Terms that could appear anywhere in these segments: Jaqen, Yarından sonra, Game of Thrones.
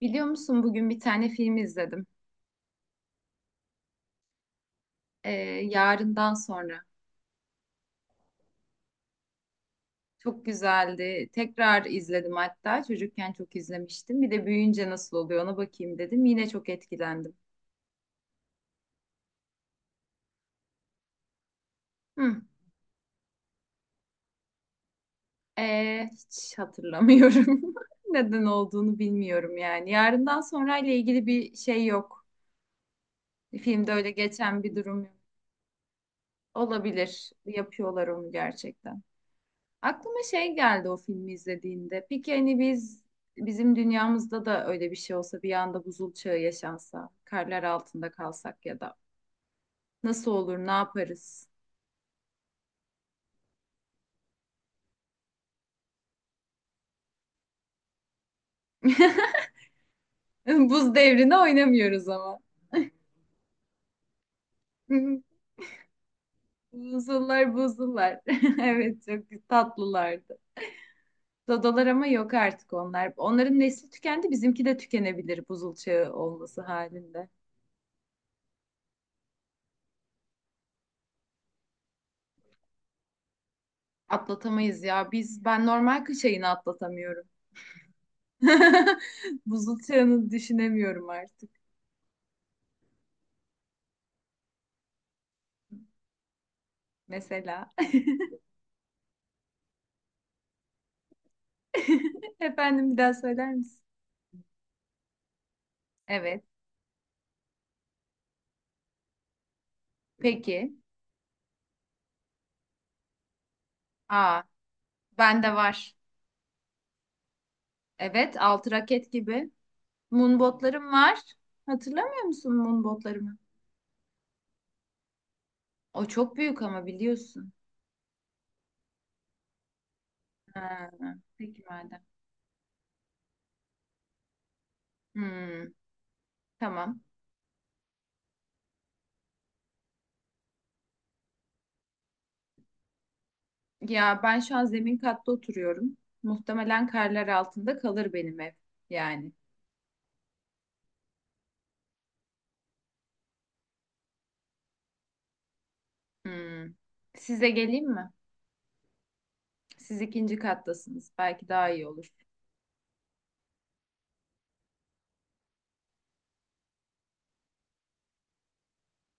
Biliyor musun bugün bir tane film izledim. Ee, Yarından sonra. Çok güzeldi. Tekrar izledim hatta. Çocukken çok izlemiştim. Bir de büyüyünce nasıl oluyor ona bakayım dedim. Yine çok etkilendim. Hı. Hiç hatırlamıyorum. Neden olduğunu bilmiyorum yani. Yarından sonra ile ilgili bir şey yok. Filmde öyle geçen bir durum yok. Olabilir. Yapıyorlar onu gerçekten. Aklıma şey geldi o filmi izlediğinde. Peki hani biz bizim dünyamızda da öyle bir şey olsa bir anda buzul çağı yaşansa, karlar altında kalsak ya da nasıl olur, ne yaparız? Buz devrine oynamıyoruz ama. Buzullar buzullar. Evet, çok tatlılardı. Dodalar ama yok artık onlar. Onların nesli tükendi, bizimki de tükenebilir buzul çağı olması halinde. Atlatamayız ya. Biz ben normal kış ayını atlatamıyorum. Buzul çağını düşünemiyorum artık mesela. Efendim bir daha söyler misin? Evet. Peki. Aa, bende var. Evet, altı raket gibi. Moon botlarım var. Hatırlamıyor musun moon botlarımı? O çok büyük ama biliyorsun. Ha, peki madem. Hmm, tamam. Ya ben şu an zemin katta oturuyorum. Muhtemelen karlar altında kalır benim ev. Yani. Hmm. Size geleyim mi? Siz ikinci kattasınız. Belki daha iyi olur.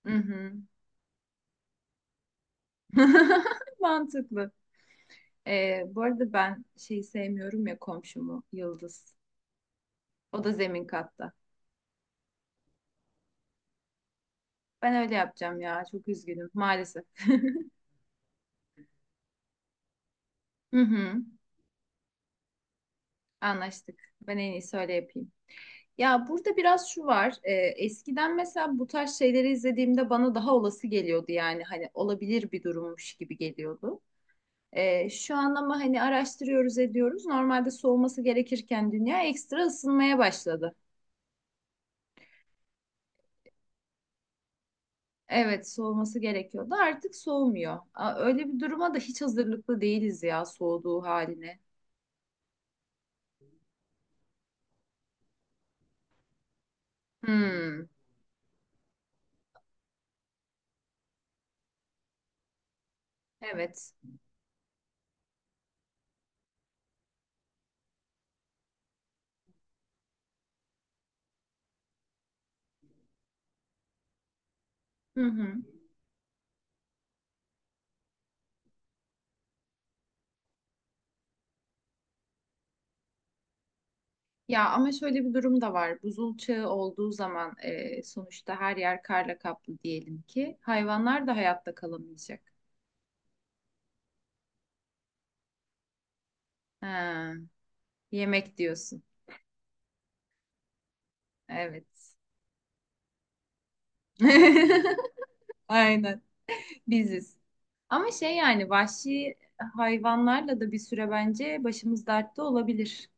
Hı hı. Mantıklı. Bu arada ben şeyi sevmiyorum ya komşumu Yıldız. O da zemin katta. Ben öyle yapacağım ya. Çok üzgünüm maalesef. Hı hı. Anlaştık. Ben en iyisi öyle yapayım. Ya burada biraz şu var. Eskiden mesela bu tarz şeyleri izlediğimde bana daha olası geliyordu yani. Hani olabilir bir durummuş gibi geliyordu. Şu an ama hani araştırıyoruz ediyoruz. Normalde soğuması gerekirken dünya ekstra ısınmaya başladı. Evet, soğuması gerekiyordu. Artık soğumuyor. Aa, öyle bir duruma da hiç hazırlıklı değiliz ya soğuduğu haline. Hmm, evet. Hı hı. Ya ama şöyle bir durum da var. Buzul çağı olduğu zaman sonuçta her yer karla kaplı diyelim ki hayvanlar da hayatta kalamayacak. Ha, yemek diyorsun. Evet. Aynen. Biziz. Ama şey yani vahşi hayvanlarla da bir süre bence başımız dertte olabilir.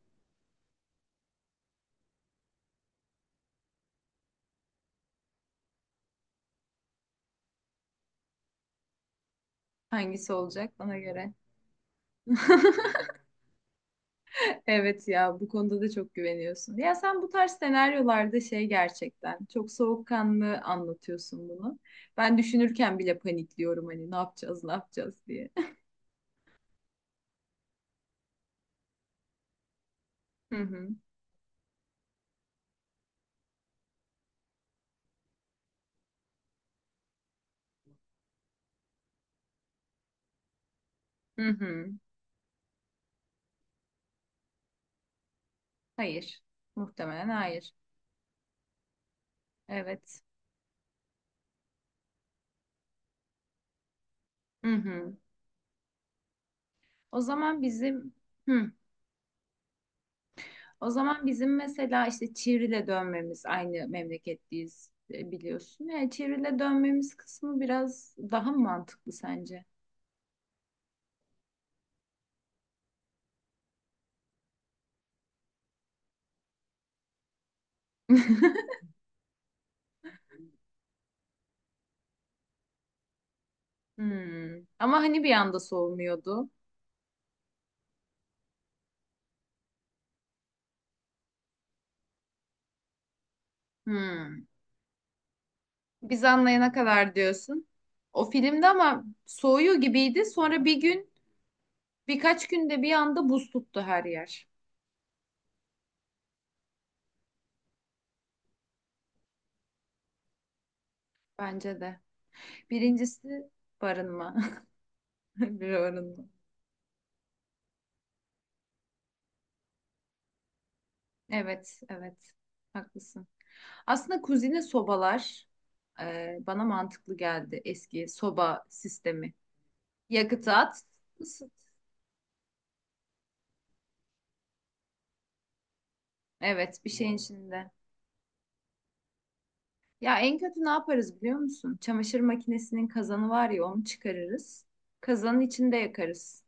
Hangisi olacak ona göre. Evet ya bu konuda da çok güveniyorsun. Ya sen bu tarz senaryolarda şey gerçekten çok soğukkanlı anlatıyorsun bunu. Ben düşünürken bile panikliyorum hani ne yapacağız ne yapacağız diye. Hı hı. Hı hı. Hayır. Muhtemelen hayır. Evet. Hı hı. O zaman bizim Hı. O zaman bizim mesela işte Çivril'e dönmemiz aynı memleketliyiz biliyorsun. Yani Çivril'e dönmemiz kısmı biraz daha mı mantıklı sence? Hmm. Ama hani bir anda soğumuyordu. Hmm. Biz anlayana kadar diyorsun. O filmde ama soğuyor gibiydi. Sonra birkaç günde bir anda buz tuttu her yer. Bence de. Birincisi barınma. Bir barınma. Evet, evet. Haklısın. Aslında kuzine sobalar bana mantıklı geldi. Eski soba sistemi. Yakıtı at, ısıt. Evet, bir şeyin içinde. Ya en kötü ne yaparız biliyor musun? Çamaşır makinesinin kazanı var ya onu çıkarırız. Kazanın içinde yakarız.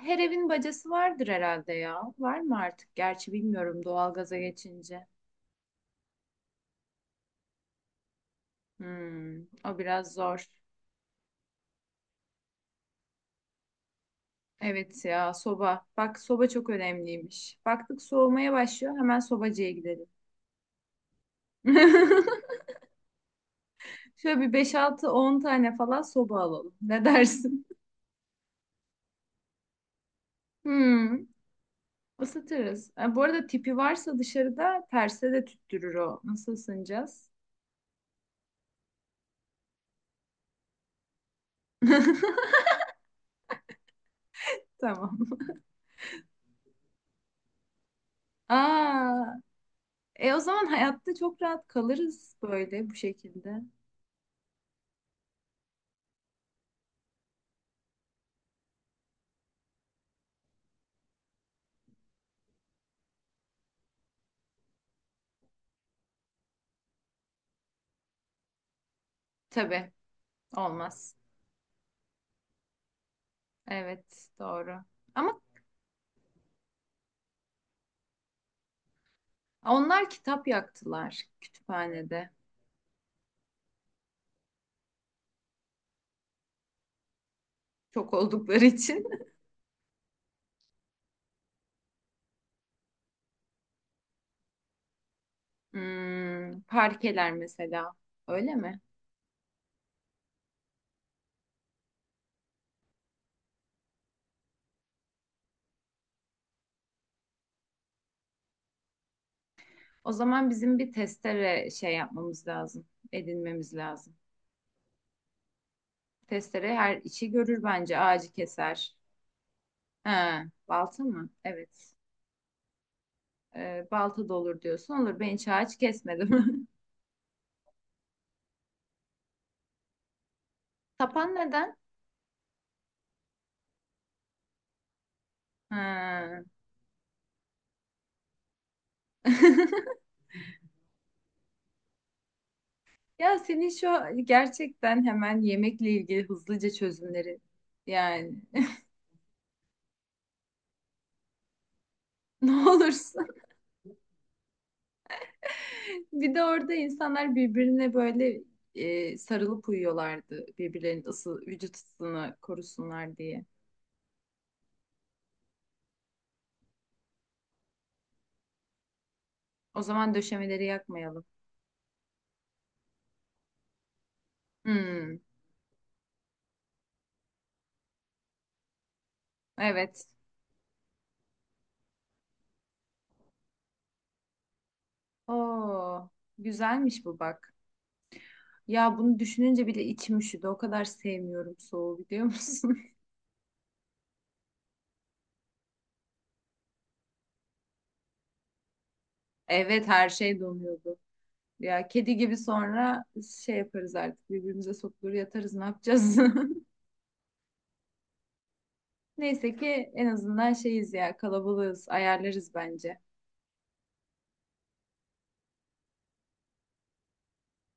Her evin bacası vardır herhalde ya. Var mı artık? Gerçi bilmiyorum doğalgaza geçince. O biraz zor. Evet ya soba. Bak soba çok önemliymiş. Baktık soğumaya başlıyor hemen sobacıya gidelim. Şöyle bir beş altı on tane falan soba alalım. Ne dersin? Hmm, ısıtırız. Ha, bu arada tipi varsa dışarıda terse de tüttürür o. Nasıl ısınacağız? Tamam. Aa, o zaman hayatta çok rahat kalırız böyle bu şekilde. Tabii olmaz. Evet doğru. Ama onlar kitap yaktılar kütüphanede. Çok oldukları için. Parkeler mesela. Öyle mi? O zaman bizim bir testere şey yapmamız lazım. Edinmemiz lazım. Testere her işi görür bence. Ağacı keser. Ha, balta mı? Evet. Balta da olur diyorsun. Olur. Ben hiç ağaç kesmedim. Tapan neden? Ha. Ya senin şu gerçekten hemen yemekle ilgili hızlıca çözümleri yani ne olursun. Bir de orada insanlar birbirine böyle sarılıp uyuyorlardı birbirlerinin vücut ısısını korusunlar diye. O zaman döşemeleri yakmayalım. Hmm, evet. Oo, güzelmiş bu bak. Ya bunu düşününce bile içim üşüdü. O kadar sevmiyorum soğuğu biliyor musun? Evet her şey donuyordu. Ya kedi gibi sonra şey yaparız artık birbirimize sokulur yatarız ne yapacağız? Neyse ki en azından şeyiz ya kalabalığız ayarlarız bence.